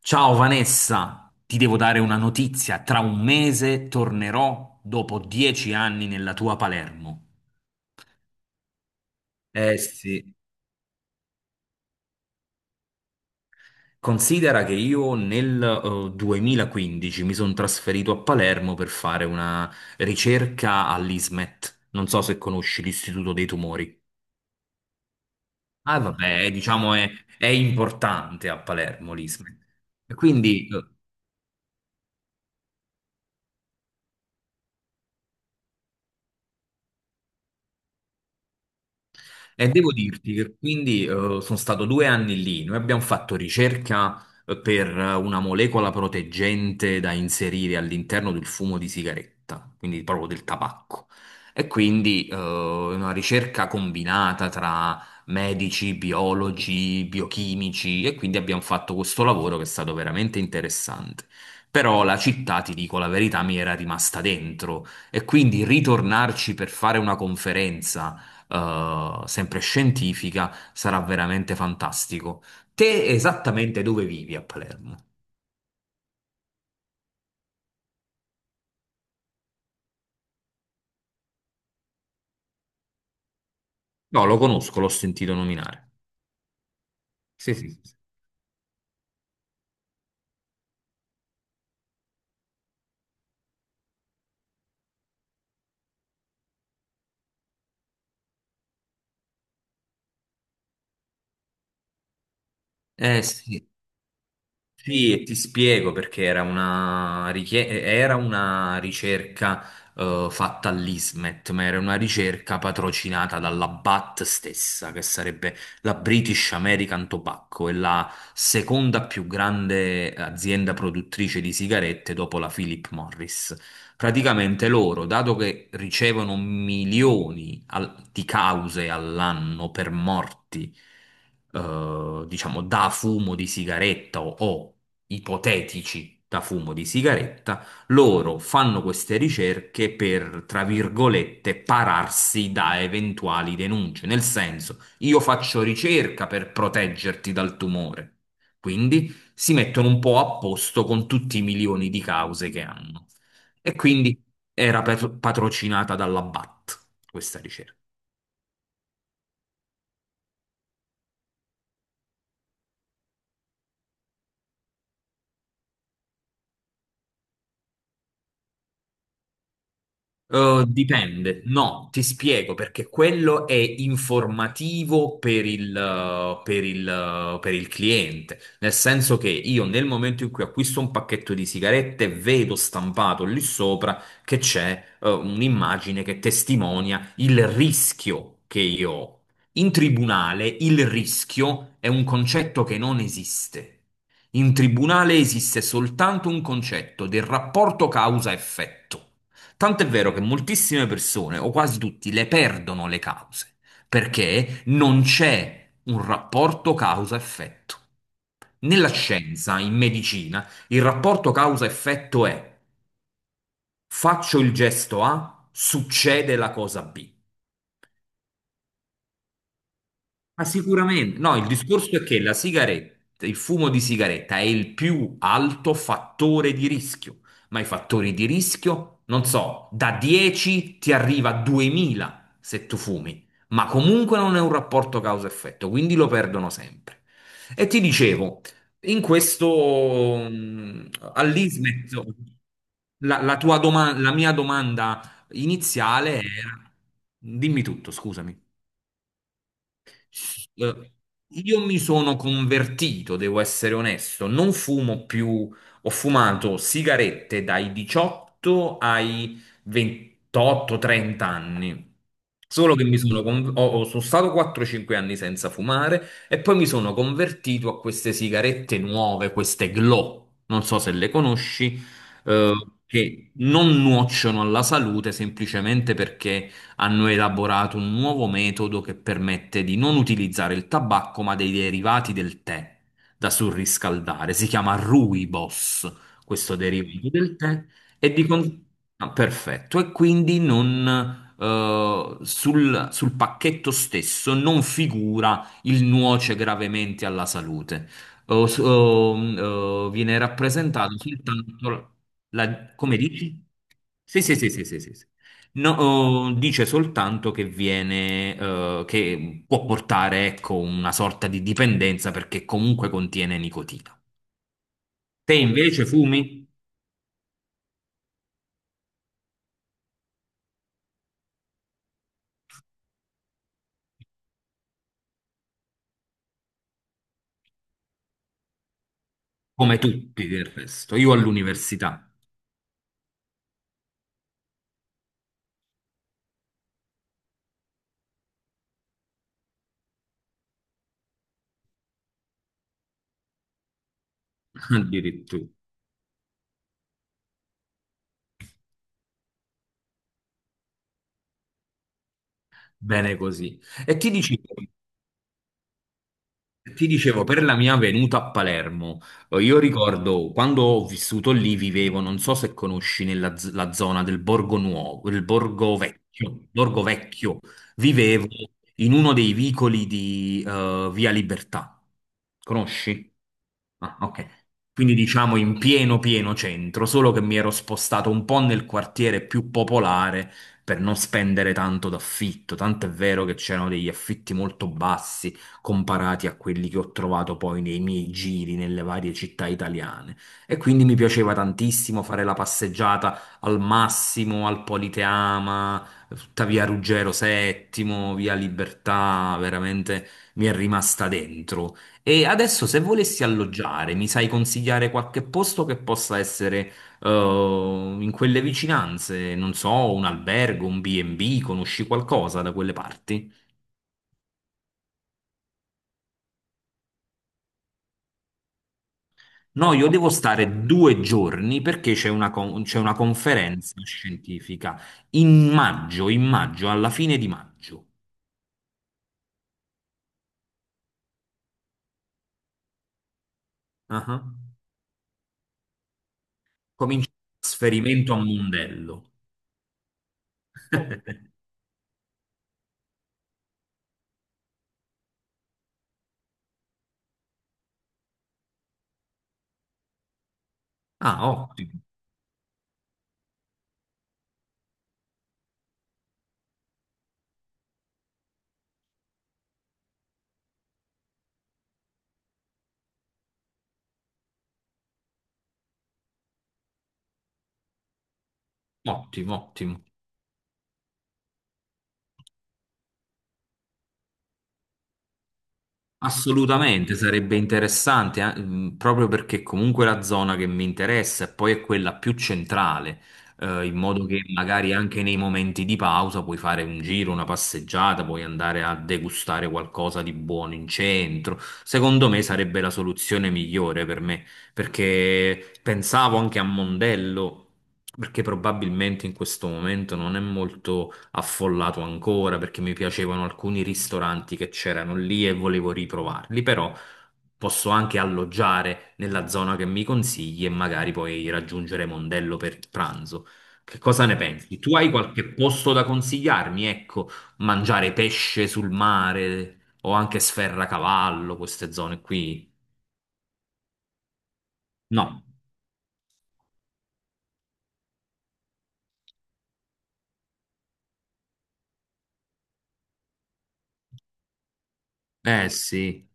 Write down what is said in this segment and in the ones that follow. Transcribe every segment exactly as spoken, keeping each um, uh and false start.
Ciao Vanessa, ti devo dare una notizia. Tra un mese tornerò dopo dieci anni nella tua Palermo. Eh sì. Considera che io nel eh, duemilaquindici mi sono trasferito a Palermo per fare una ricerca all'I S M E T. Non so se conosci l'Istituto dei Tumori. Ah, vabbè, diciamo è, è importante a Palermo l'I S M E T. E quindi eh, e devo dirti che quindi eh, sono stato due anni lì, noi abbiamo fatto ricerca eh, per eh, una molecola proteggente da inserire all'interno del fumo di sigaretta, quindi proprio del tabacco. E quindi eh, una ricerca combinata tra medici, biologi, biochimici, e quindi abbiamo fatto questo lavoro che è stato veramente interessante. Però la città, ti dico la verità, mi era rimasta dentro, e quindi ritornarci per fare una conferenza eh, sempre scientifica, sarà veramente fantastico. Te esattamente dove vivi a Palermo? No, lo conosco, l'ho sentito nominare. Sì, sì, sì, sì. Eh sì, sì, e ti spiego perché era una, richie- era una ricerca eh, fatta all'I S M E T, ma era una ricerca patrocinata dalla B A T stessa, che sarebbe la British American Tobacco, è la seconda più grande azienda produttrice di sigarette dopo la Philip Morris. Praticamente loro, dato che ricevono milioni al- di cause all'anno per morti, eh, diciamo da fumo di sigaretta o, o ipotetici da fumo di sigaretta, loro fanno queste ricerche per, tra virgolette, pararsi da eventuali denunce. Nel senso, io faccio ricerca per proteggerti dal tumore. Quindi si mettono un po' a posto con tutti i milioni di cause che hanno. E quindi era per- patrocinata dalla B A T, questa ricerca. Eh, dipende, no, ti spiego perché quello è informativo per il, eh, per il, eh, per il cliente, nel senso che io nel momento in cui acquisto un pacchetto di sigarette vedo stampato lì sopra che c'è eh, un'immagine che testimonia il rischio che io ho. In tribunale il rischio è un concetto che non esiste. In tribunale esiste soltanto un concetto del rapporto causa-effetto. Tanto è vero che moltissime persone, o quasi tutti, le perdono le cause, perché non c'è un rapporto causa-effetto. Nella scienza, in medicina, il rapporto causa-effetto è faccio il gesto A, succede la cosa B. Ma sicuramente, no, il discorso è che la sigaretta, il fumo di sigaretta è il più alto fattore di rischio, ma i fattori di rischio, non so, da dieci ti arriva a duemila se tu fumi, ma comunque non è un rapporto causa-effetto, quindi lo perdono sempre. E ti dicevo, in questo mm, all'I S M E T, la, la tua doma- la mia domanda iniziale era, dimmi tutto, scusami. Eh, Io mi sono convertito, devo essere onesto, non fumo più, ho fumato sigarette dai diciotto ai ventotto trenta anni. Solo che mi sono, con- ho- ho- sono stato quattro o cinque anni senza fumare, e poi mi sono convertito a queste sigarette nuove, queste Glow, non so se le conosci, eh, che non nuociono alla salute semplicemente perché hanno elaborato un nuovo metodo che permette di non utilizzare il tabacco, ma dei derivati del tè da surriscaldare. Si chiama rooibos, questo derivato del tè, e di con- ah, perfetto, e quindi non. Eh, sul, sul pacchetto stesso non figura il nuoce gravemente alla salute. O- s- o, mm, eh, viene rappresentato soltanto la, come dici? Sì, sì, sì, sì, sì, sì, sì. No, oh, dice soltanto che viene, eh, che può portare, ecco, una sorta di dipendenza perché comunque contiene nicotina. Te invece fumi come tutti del resto, io all'università addirittura. Bene così. E ti dicevo, ti dicevo, per la mia venuta a Palermo, eh, io ricordo quando ho vissuto lì, vivevo, non so se conosci nella z- la zona del Borgo Nuovo, il Borgo Vecchio, Borgo Vecchio, vivevo in uno dei vicoli di eh, Via Libertà. Conosci? Ah, ok. Quindi diciamo in pieno pieno centro, solo che mi ero spostato un po' nel quartiere più popolare per non spendere tanto d'affitto, tanto è vero che c'erano degli affitti molto bassi comparati a quelli che ho trovato poi nei miei giri nelle varie città italiane. E quindi mi piaceva tantissimo fare la passeggiata al Massimo, al Politeama, tutta via Ruggero settimo, via Libertà, veramente mi è rimasta dentro. E adesso se volessi alloggiare, mi sai consigliare qualche posto che possa essere eh, in quelle vicinanze? Non so, un albergo, un bi e bi, conosci qualcosa da quelle parti? No, io devo stare due giorni perché c'è una, con- c'è una conferenza scientifica in maggio, in maggio, alla fine di maggio. Ah, comincia il trasferimento a Mondello. Ah, ottimo, ottimo, ottimo. Assolutamente, sarebbe interessante, eh, mh, proprio perché comunque è la zona che mi interessa e poi è quella più centrale, eh, in modo che magari anche nei momenti di pausa puoi fare un giro, una passeggiata, puoi andare a degustare qualcosa di buono in centro. Secondo me sarebbe la soluzione migliore per me, perché pensavo anche a Mondello, perché probabilmente in questo momento non è molto affollato ancora, perché mi piacevano alcuni ristoranti che c'erano lì e volevo riprovarli, però posso anche alloggiare nella zona che mi consigli e magari poi raggiungere Mondello per il pranzo. Che cosa ne pensi? Tu hai qualche posto da consigliarmi? Ecco, mangiare pesce sul mare o anche Sferracavallo, queste zone qui? No. Eh sì.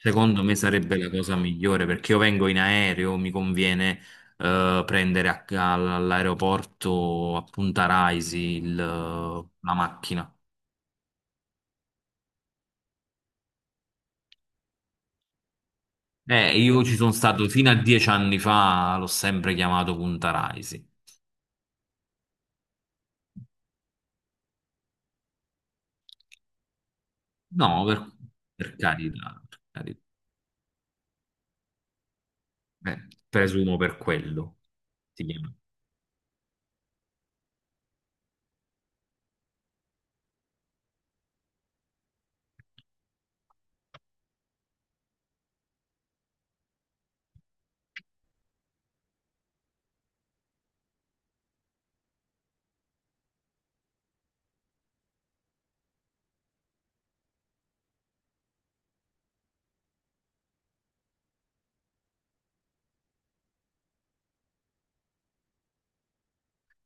Secondo me sarebbe la cosa migliore perché io vengo in aereo, mi conviene eh, prendere a- all- all'aeroporto a Punta Raisi il- la macchina. Eh, io ci sono stato fino a dieci anni fa, l'ho sempre chiamato Punta Raisi. No, per, per carità, per carità. Eh, presumo per quello si chiama.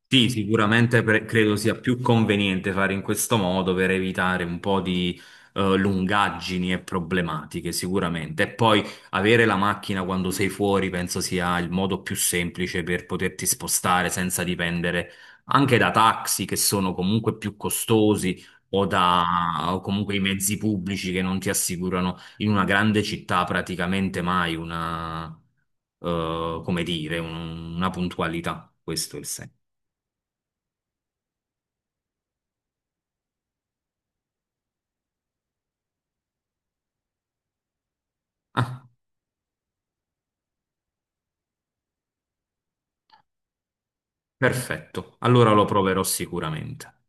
Sì, sicuramente pre- credo sia più conveniente fare in questo modo per evitare un po' di eh, lungaggini e problematiche, sicuramente. E poi avere la macchina quando sei fuori penso sia il modo più semplice per poterti spostare senza dipendere anche da taxi che sono comunque più costosi o da o comunque i mezzi pubblici che non ti assicurano in una grande città praticamente mai una, eh, come dire, un- una puntualità. Questo è il senso. Ah, perfetto. Allora lo proverò sicuramente.